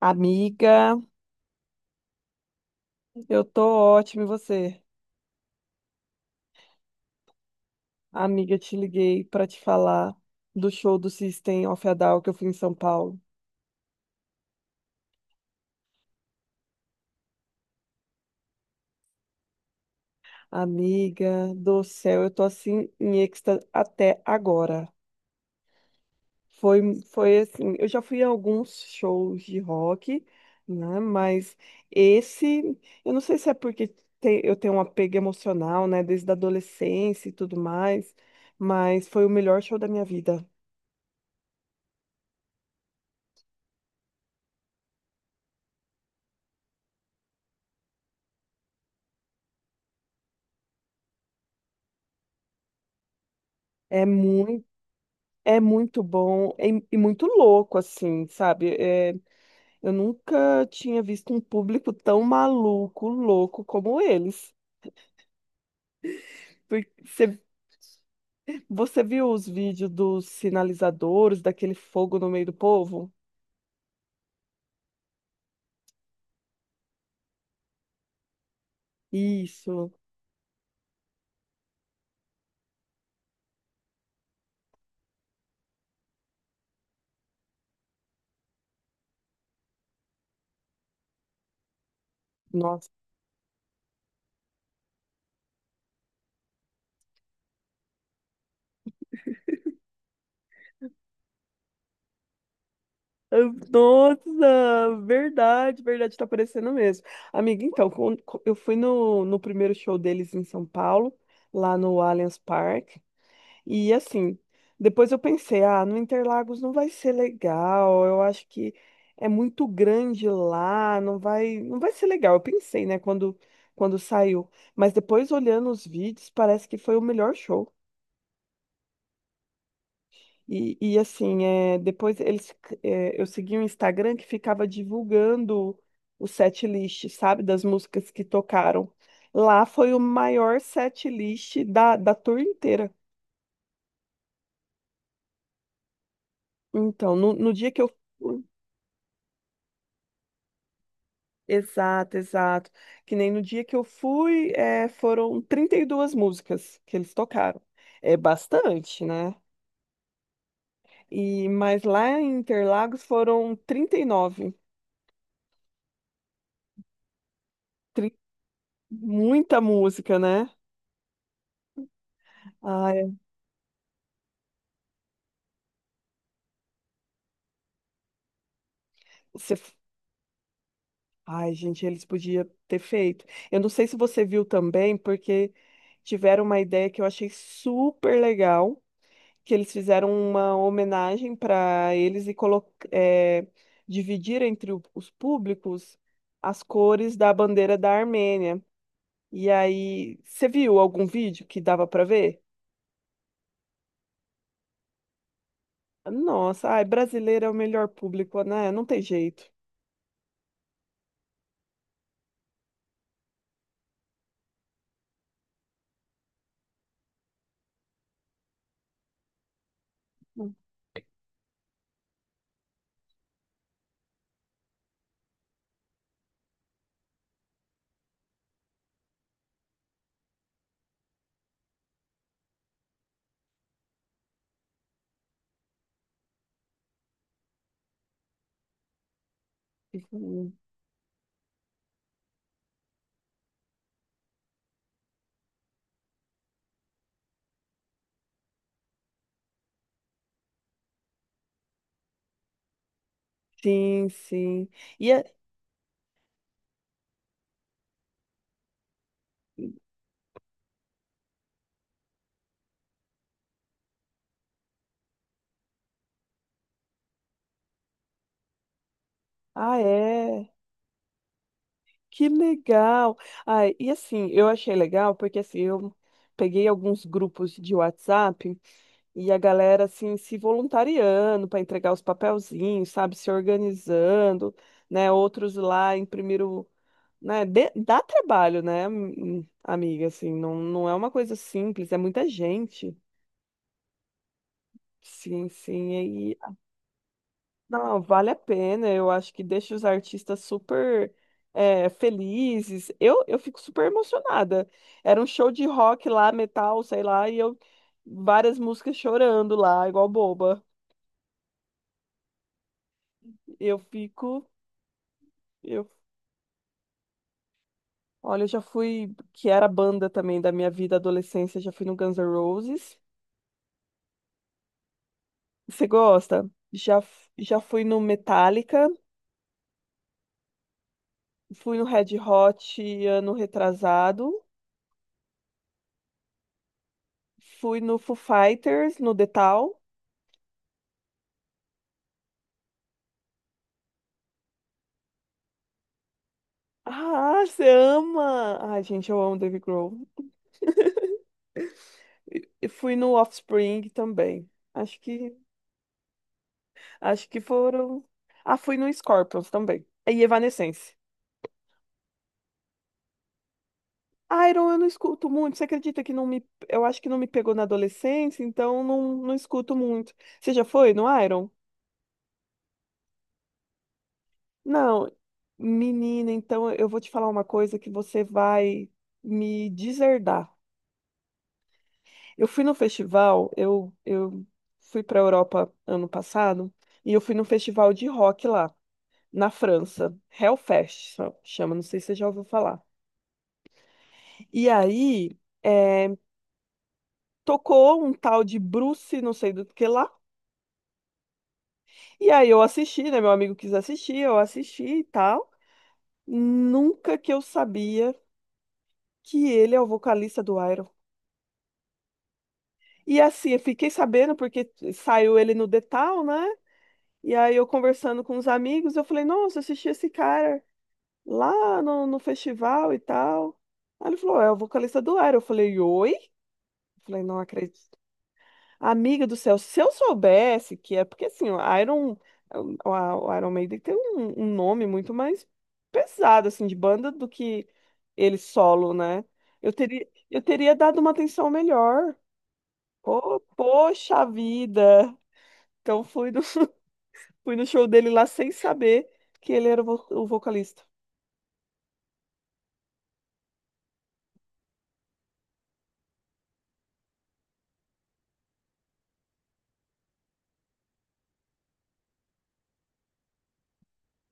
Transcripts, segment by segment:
Amiga, eu tô ótima, e você? Amiga, te liguei para te falar do show do System of a Down que eu fui em São Paulo. Amiga do céu, eu tô assim em êxtase até agora. Foi assim, eu já fui a alguns shows de rock, né? Mas esse, eu não sei se é porque eu tenho um apego emocional, né? Desde a adolescência e tudo mais, mas foi o melhor show da minha vida. É muito. É muito bom e muito louco, assim, sabe? Eu nunca tinha visto um público tão maluco, louco como eles. Porque você, você viu os vídeos dos sinalizadores, daquele fogo no meio do povo? Isso, nossa. Nossa, verdade, verdade, tá aparecendo mesmo. Amiga, então, eu fui no primeiro show deles em São Paulo, lá no Allianz Parque. E assim, depois eu pensei, ah, no Interlagos não vai ser legal, eu acho que é muito grande lá, não vai ser legal. Eu pensei, né, quando saiu. Mas depois olhando os vídeos, parece que foi o melhor show. E assim, é, depois eles, é, eu segui um Instagram que ficava divulgando o set list, sabe, das músicas que tocaram. Lá foi o maior set list da tour inteira. Então, no dia que eu fui. Exato, exato. Que nem no dia que eu fui, foram 32 músicas que eles tocaram. É bastante, né? E, mas lá em Interlagos foram 39. Tri- Muita música, né? Ai, você... Ai, gente, eles podiam ter feito. Eu não sei se você viu também, porque tiveram uma ideia que eu achei super legal que eles fizeram uma homenagem para eles é, dividir entre os públicos as cores da bandeira da Armênia. E aí, você viu algum vídeo que dava para ver? Nossa, ai, brasileiro é o melhor público, né? Não tem jeito. Sim, sim. E é- ah, é. Que legal. Ai, e assim, eu achei legal porque assim, eu peguei alguns grupos de WhatsApp. E a galera, assim, se voluntariando para entregar os papelzinhos, sabe? Se organizando, né? Outros lá imprimiram, né? Dá trabalho, né, amiga? Assim, não é uma coisa simples, é muita gente. Sim, sim. E, e- não, vale a pena. Eu acho que deixa os artistas super é, felizes. Eu fico super emocionada. Era um show de rock lá, metal, sei lá, e eu várias músicas chorando lá, igual boba. Eu fico. Eu, olha, eu já fui, que era a banda também da minha vida adolescência, já fui no Guns N' Roses. Você gosta? Já, já fui no Metallica, fui no Red Hot ano retrasado, fui no Foo Fighters, no The Tal. Ah, você ama! Ai, gente, eu amo Dave Grohl. E fui no Offspring também. Acho que, acho que foram. Ah, fui no Scorpions também. E Evanescence. Iron eu não escuto muito. Você acredita que não me, eu acho que não me pegou na adolescência, então não escuto muito. Você já foi no Iron? Não. Menina, então eu vou te falar uma coisa que você vai me deserdar. Eu fui no festival, eu fui para a Europa ano passado, e eu fui no festival de rock lá, na França. Hellfest chama, não sei se você já ouviu falar. E aí, eh, tocou um tal de Bruce, não sei do que lá. E aí eu assisti, né? Meu amigo quis assistir, eu assisti e tal. Nunca que eu sabia que ele é o vocalista do Iron. E assim, eu fiquei sabendo porque saiu ele no The Town, né? E aí eu conversando com os amigos, eu falei, nossa, eu assisti esse cara lá no festival e tal. Aí ele falou, é o vocalista do Iron. Eu falei, oi? Eu falei, não acredito. Amiga do céu, se eu soubesse que é porque assim, o Iron, o Iron Maiden tem um nome muito mais pesado assim de banda do que ele solo, né? Eu teria dado uma atenção melhor. Pô, poxa vida! Então fui no, fui no show dele lá sem saber que ele era o vocalista.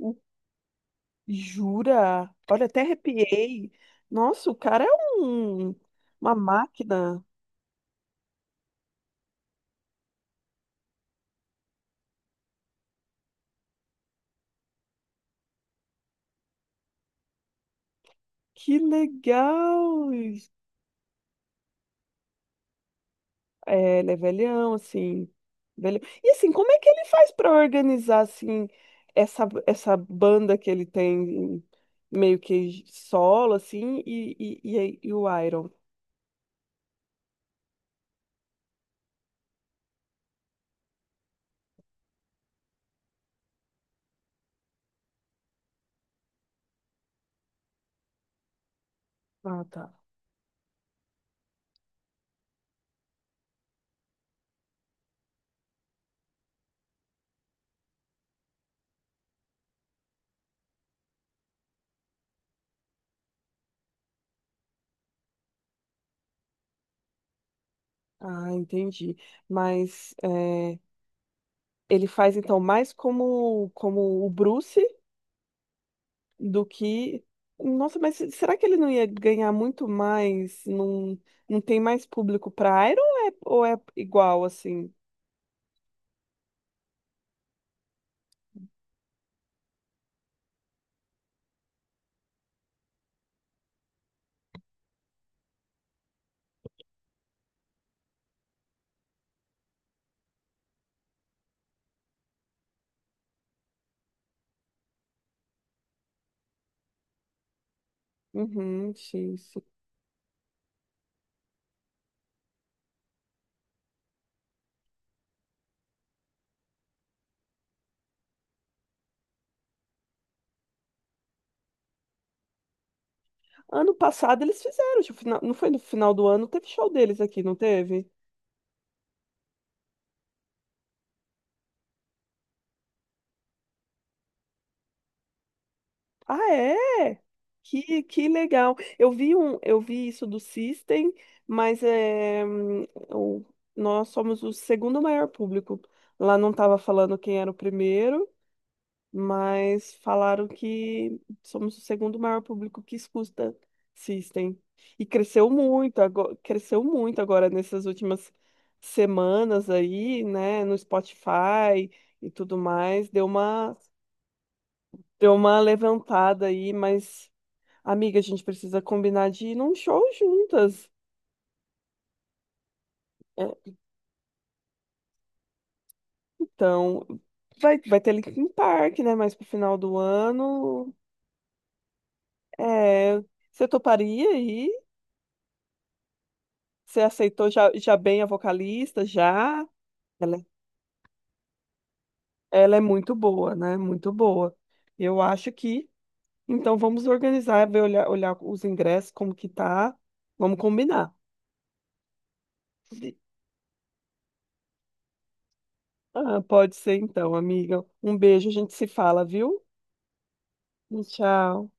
O- Jura? Olha, até arrepiei. Nossa, o cara é um, uma máquina. Que legal! É, ele é velhão, assim. Velhão. E assim, como é que ele faz para organizar assim essa banda que ele tem meio que solo assim e o Iron? Ah, tá. Ah, entendi. Mas é, ele faz então mais como o Bruce do que nossa, mas será que ele não ia ganhar muito mais? Não, não tem mais público para Iron ou é igual assim? Uhum, sim, sim. Ano passado eles fizeram, tipo, não foi no final do ano, teve show deles aqui, não teve? Ah, é? Que legal. Eu vi um, eu vi isso do System, mas é, o- nós somos o segundo maior público. Lá não estava falando quem era o primeiro. Mas falaram que somos o segundo maior público que escuta System. E cresceu muito agora nessas últimas semanas aí, né, no Spotify e tudo mais, deu uma levantada aí, mas amiga, a gente precisa combinar de ir num show juntas. É, então, vai ter Linkin Park, né, mais pro final do ano. É, você toparia aí? Você aceitou já, já bem a vocalista, já? Ela, ela é muito boa, né? Muito boa. Eu acho que, então vamos organizar, ver, olhar os ingressos, como que tá. Vamos combinar. Ah, pode ser então, amiga. Um beijo, a gente se fala, viu? Tchau.